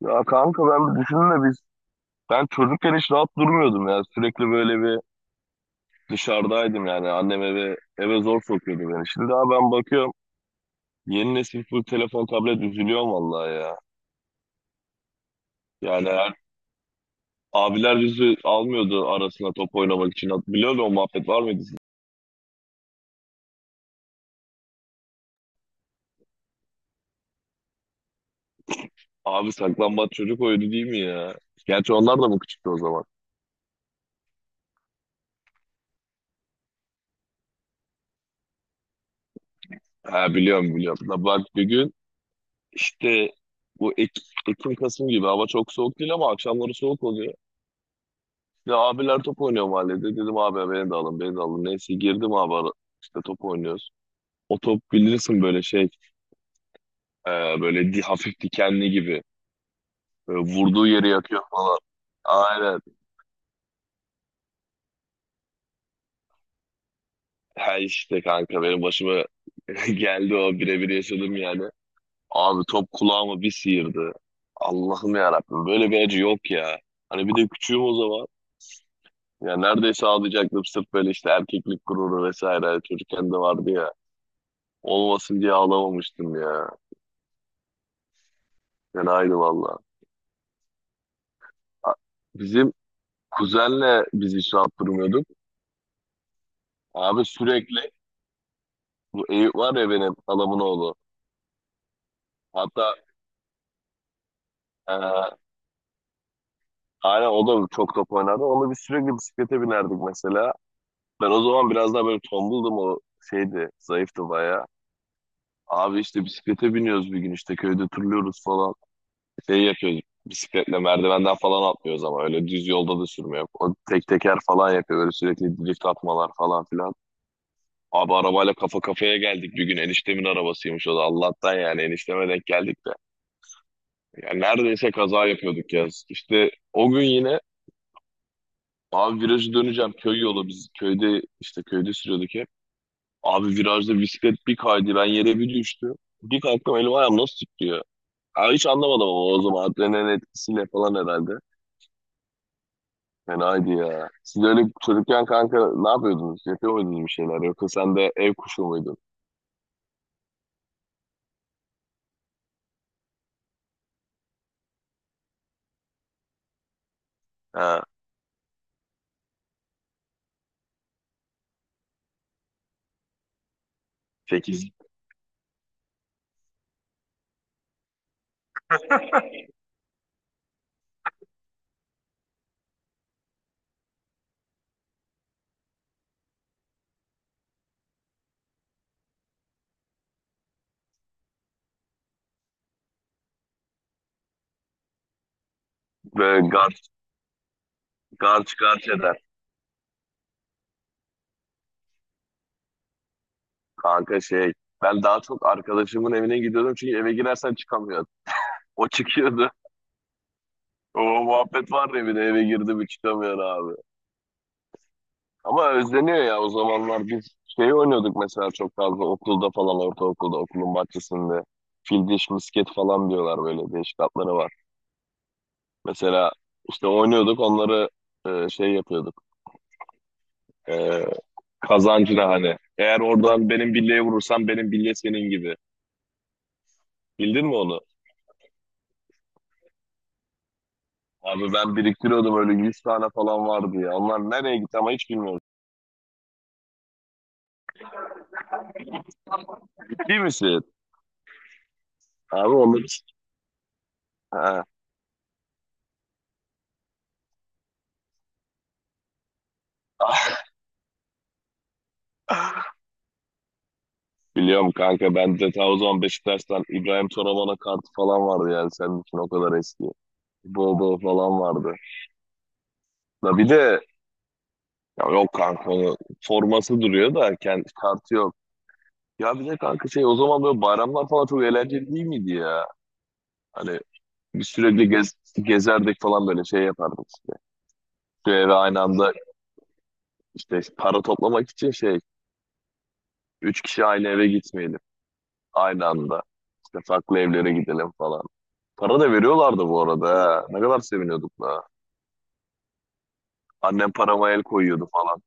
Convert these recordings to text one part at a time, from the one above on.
Ya kanka ben bir düşünün de ben çocukken hiç rahat durmuyordum ya. Sürekli böyle bir dışarıdaydım yani. Annem eve zor sokuyordu beni. Şimdi daha ben bakıyorum, yeni nesil full telefon tablet, üzülüyorum vallahi ya. Yani her, abiler bizi almıyordu arasına top oynamak için. Biliyor musun, o muhabbet var mıydı sizin? Abi saklambaç çocuk oyunu değil mi ya? Gerçi onlar da mı küçüktü o zaman? Ha, biliyorum biliyorum. Da bak bir gün işte bu Ek- Ekim Kasım gibi, hava çok soğuk değil ama akşamları soğuk oluyor. Ya abiler top oynuyor mahallede. Dedim abi ya, beni de alın beni de alın. Neyse girdim abi ara, işte top oynuyoruz. O top bilirsin böyle e, hafif dikenli gibi. Böyle vurduğu yeri yakıyor falan. Aynen. Her işte kanka benim başıma geldi, o birebir yaşadım yani. Abi top kulağıma bir sıyırdı. Allah'ım ya Rabbim, böyle bir acı yok ya. Hani bir de küçüğüm o zaman. Ya neredeyse ağlayacaktım, sırf böyle işte erkeklik gururu vesaire çocukken de vardı ya. Olmasın diye ağlamamıştım ya. Ben aynı valla. A- Bizim kuzenle biz hiç rahat durmuyorduk. Abi sürekli, bu Eyüp var ya, benim halamın oğlu. Hatta e, aynen o da çok top oynardı. Onunla biz sürekli bisiklete binerdik mesela. Ben o zaman biraz daha böyle tombuldum, o şeydi. Zayıftı bayağı. Abi işte bisiklete biniyoruz bir gün, işte köyde turluyoruz falan. Şey yapıyoruz, bisikletle merdivenden falan atlıyoruz ama öyle düz yolda da sürmüyor. O tek teker falan yapıyor böyle, sürekli drift atmalar falan filan. Abi arabayla kafa kafaya geldik bir gün. Eniştemin arabasıymış o da. Allah'tan yani enişteme denk geldik de. Yani neredeyse kaza yapıyorduk ya. İşte o gün yine abi virajı döneceğim. Köy yolu, biz köyde işte köyde sürüyorduk hep. Abi virajda bisiklet bir kaydı. Ben yere bir düştüm. Bir kalktım, elim ayağım nasıl titriyor. Abi hiç anlamadım ama o zaman adrenalin etkisiyle falan herhalde. Yani haydi ya. Siz öyle çocukken kanka ne yapıyordunuz? Yapıyor muydunuz bir şeyler? Yoksa sen de ev kuşu muydun? Ha. 8. Böyle garç garç eder. Kanka şey, ben daha çok arkadaşımın evine gidiyordum çünkü eve girersen çıkamıyordun. O çıkıyordu. O muhabbet var ya, bir de eve girdi mi çıkamıyor abi. Ama özleniyor ya, o zamanlar biz şey oynuyorduk mesela çok fazla okulda falan, ortaokulda okulun bahçesinde. Fil diş misket falan diyorlar, böyle değişik adları var. Mesela işte oynuyorduk onları, şey yapıyorduk. E, kazancına hani. Eğer oradan benim bilyeye vurursan, benim bilye senin gibi. Bildin mi onu? Abi ben biriktiriyordum, öyle 100 tane falan vardı ya. Onlar nereye gitti ama hiç bilmiyorum. Ciddi misin? Abi onları... Ha. Biliyorum kanka, bende ta o zaman Beşiktaş'tan İbrahim Toravan'a kartı falan vardı, yani senin için o kadar eski. Bol bol falan vardı. Da bir de ya yok kanka, onu forması duruyor da kendi kartı yok. Ya bir de kanka şey, o zaman böyle bayramlar falan çok eğlenceli değil miydi ya? Hani biz sürekli gezerdik falan, böyle şey yapardık işte. Şu eve aynı anda, İşte para toplamak için şey, üç kişi aynı eve gitmeyelim. Aynı anda. İşte farklı evlere gidelim falan. Para da veriyorlardı bu arada. Ha. Ne kadar seviniyorduk da. Annem parama el koyuyordu falan.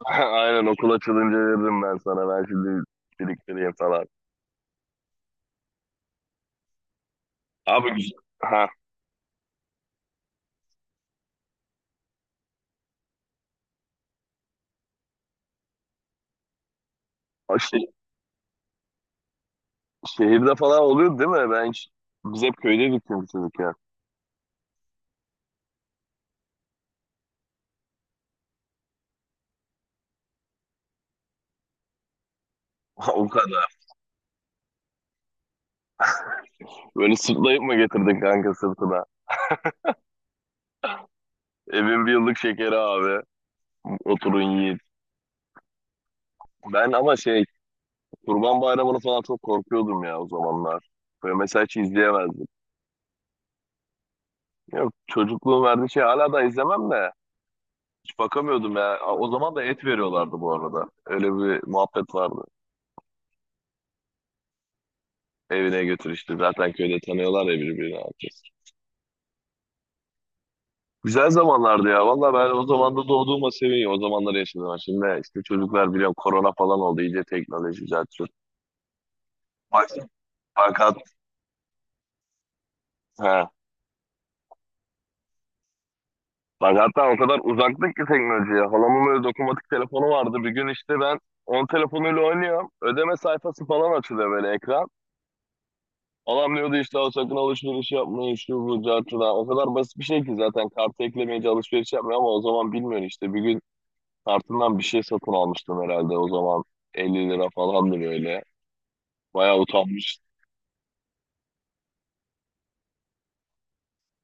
Aynen, okul açılınca veririm ben sana. Ben şimdi biriktireyim falan. Abi güzel. Ha. O şey, şehirde falan oluyordu değil mi? Ben hiç, biz hep köydeydik çünkü çocukken. O kadar. Böyle sırtlayıp mı getirdin kanka sırtına? Evin bir yıllık şekeri abi. Oturun yiyin. Ben ama şey, Kurban Bayramı'nı falan çok korkuyordum ya o zamanlar. Böyle mesela hiç izleyemezdim. Yok, çocukluğun verdiği şey, hala da izlemem de. Hiç bakamıyordum ya. A- O zaman da et veriyorlardı bu arada. Öyle bir muhabbet vardı. Evine götür işte. Zaten köyde tanıyorlar ya birbirini herkes. Güzel zamanlardı ya. Valla ben o zaman da doğduğuma seviniyorum. O zamanları yaşadım ben. Şimdi işte çocuklar, biliyorum korona falan oldu. İyice teknoloji cart curt. Bak, fakat he. Ben hatta o kadar uzaktık ki teknolojiye. Halamın öyle dokunmatik telefonu vardı. Bir gün işte ben onun telefonuyla oynuyorum. Ödeme sayfası falan açılıyor, böyle ekran. Adam diyordu işte, "Al sakın alışveriş yapmayın şu bu cartıdan." O kadar basit bir şey ki, zaten kartı eklemeyince alışveriş yapmıyor ama o zaman bilmiyorum işte. Bir gün kartından bir şey satın almıştım herhalde o zaman. 50 lira falandı böyle. Bayağı utanmış.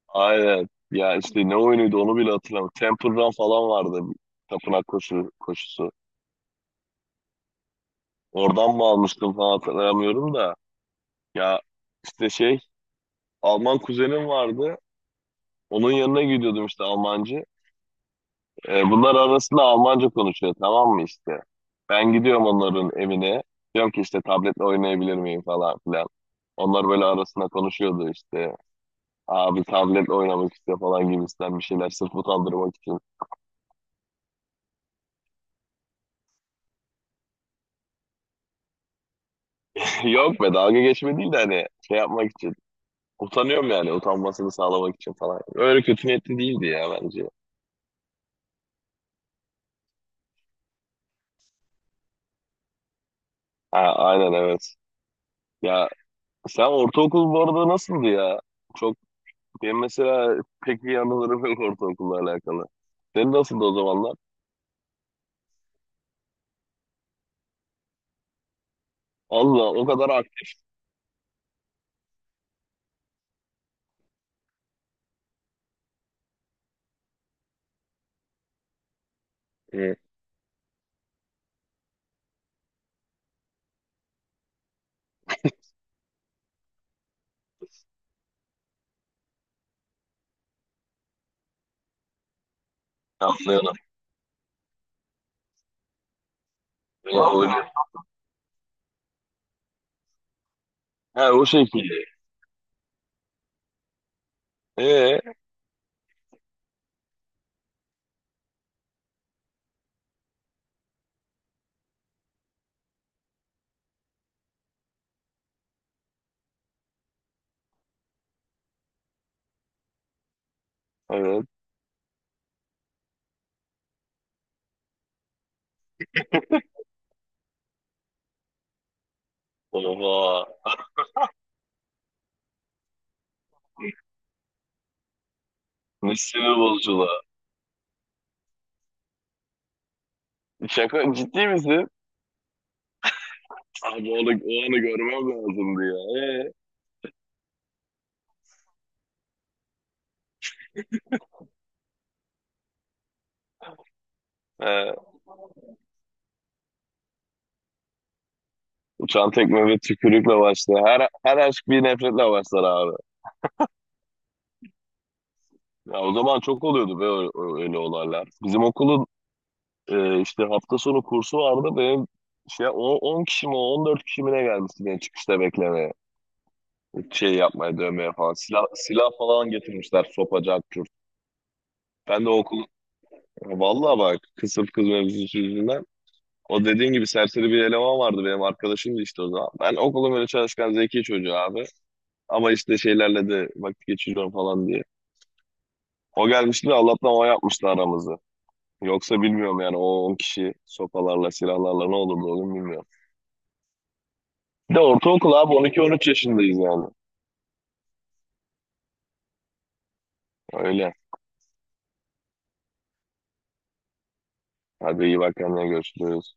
Aynen. Ya işte ne oyunuydu onu bile hatırlamıyorum. Temple Run falan vardı. Tapınak koşusu. Oradan mı almıştım falan hatırlamıyorum da. Ya işte şey, Alman kuzenim vardı. Onun yanına gidiyordum işte, Almancı. Bunlar arasında Almanca konuşuyor, tamam mı işte. Ben gidiyorum onların evine. Diyorum ki işte, tabletle oynayabilir miyim falan filan. Onlar böyle arasında konuşuyordu işte. Abi tabletle oynamak istiyor falan gibisinden, bir şeyler sırf utandırmak için. Yok be, dalga geçme değil de hani şey yapmak için. Utanıyorum yani, utanmasını sağlamak için falan. Öyle kötü niyetli değildi ya bence. Ha, aynen evet. Ya sen ortaokul bu arada nasıldı ya? Çok, benim mesela pek iyi anılarım yok ortaokulla alakalı. Senin nasıldı o zamanlar? Allah o kadar aktif. Hı. Aslında. Ya, öyle. Ha, o şekilde. Ee, evet. Oha. Ne sinir bozuculuğa. Şaka, ciddi misin? Abi onu, o anı görmem lazımdı ya. He. Uçan tekme ve tükürükle başlar. Her aşk bir nefretle başlar. Ya o zaman çok oluyordu be, öyle olaylar. Bizim okulun işte hafta sonu kursu vardı. Benim şey, 10 kişi mi 14 kişi mi ne gelmişti beni çıkışta beklemeye. Şey yapmaya, dövmeye falan. Silah falan getirmişler, sopacak cart. Ben de okul vallahi bak, kısır kız mevzusu yüzünden. O dediğin gibi serseri bir eleman vardı, benim arkadaşımdı işte o zaman. Ben okulun böyle çalışkan zeki çocuğu abi. Ama işte şeylerle de vakit geçiriyorum falan diye. O gelmişti de Allah'tan, o yapmıştı aramızı. Yoksa bilmiyorum yani, o 10 kişi sopalarla, silahlarla ne olurdu oğlum, bilmiyorum. Bir de ortaokul abi, 12-13 yaşındayız yani. Öyle. Hadi iyi bak kendine, görüşürüz.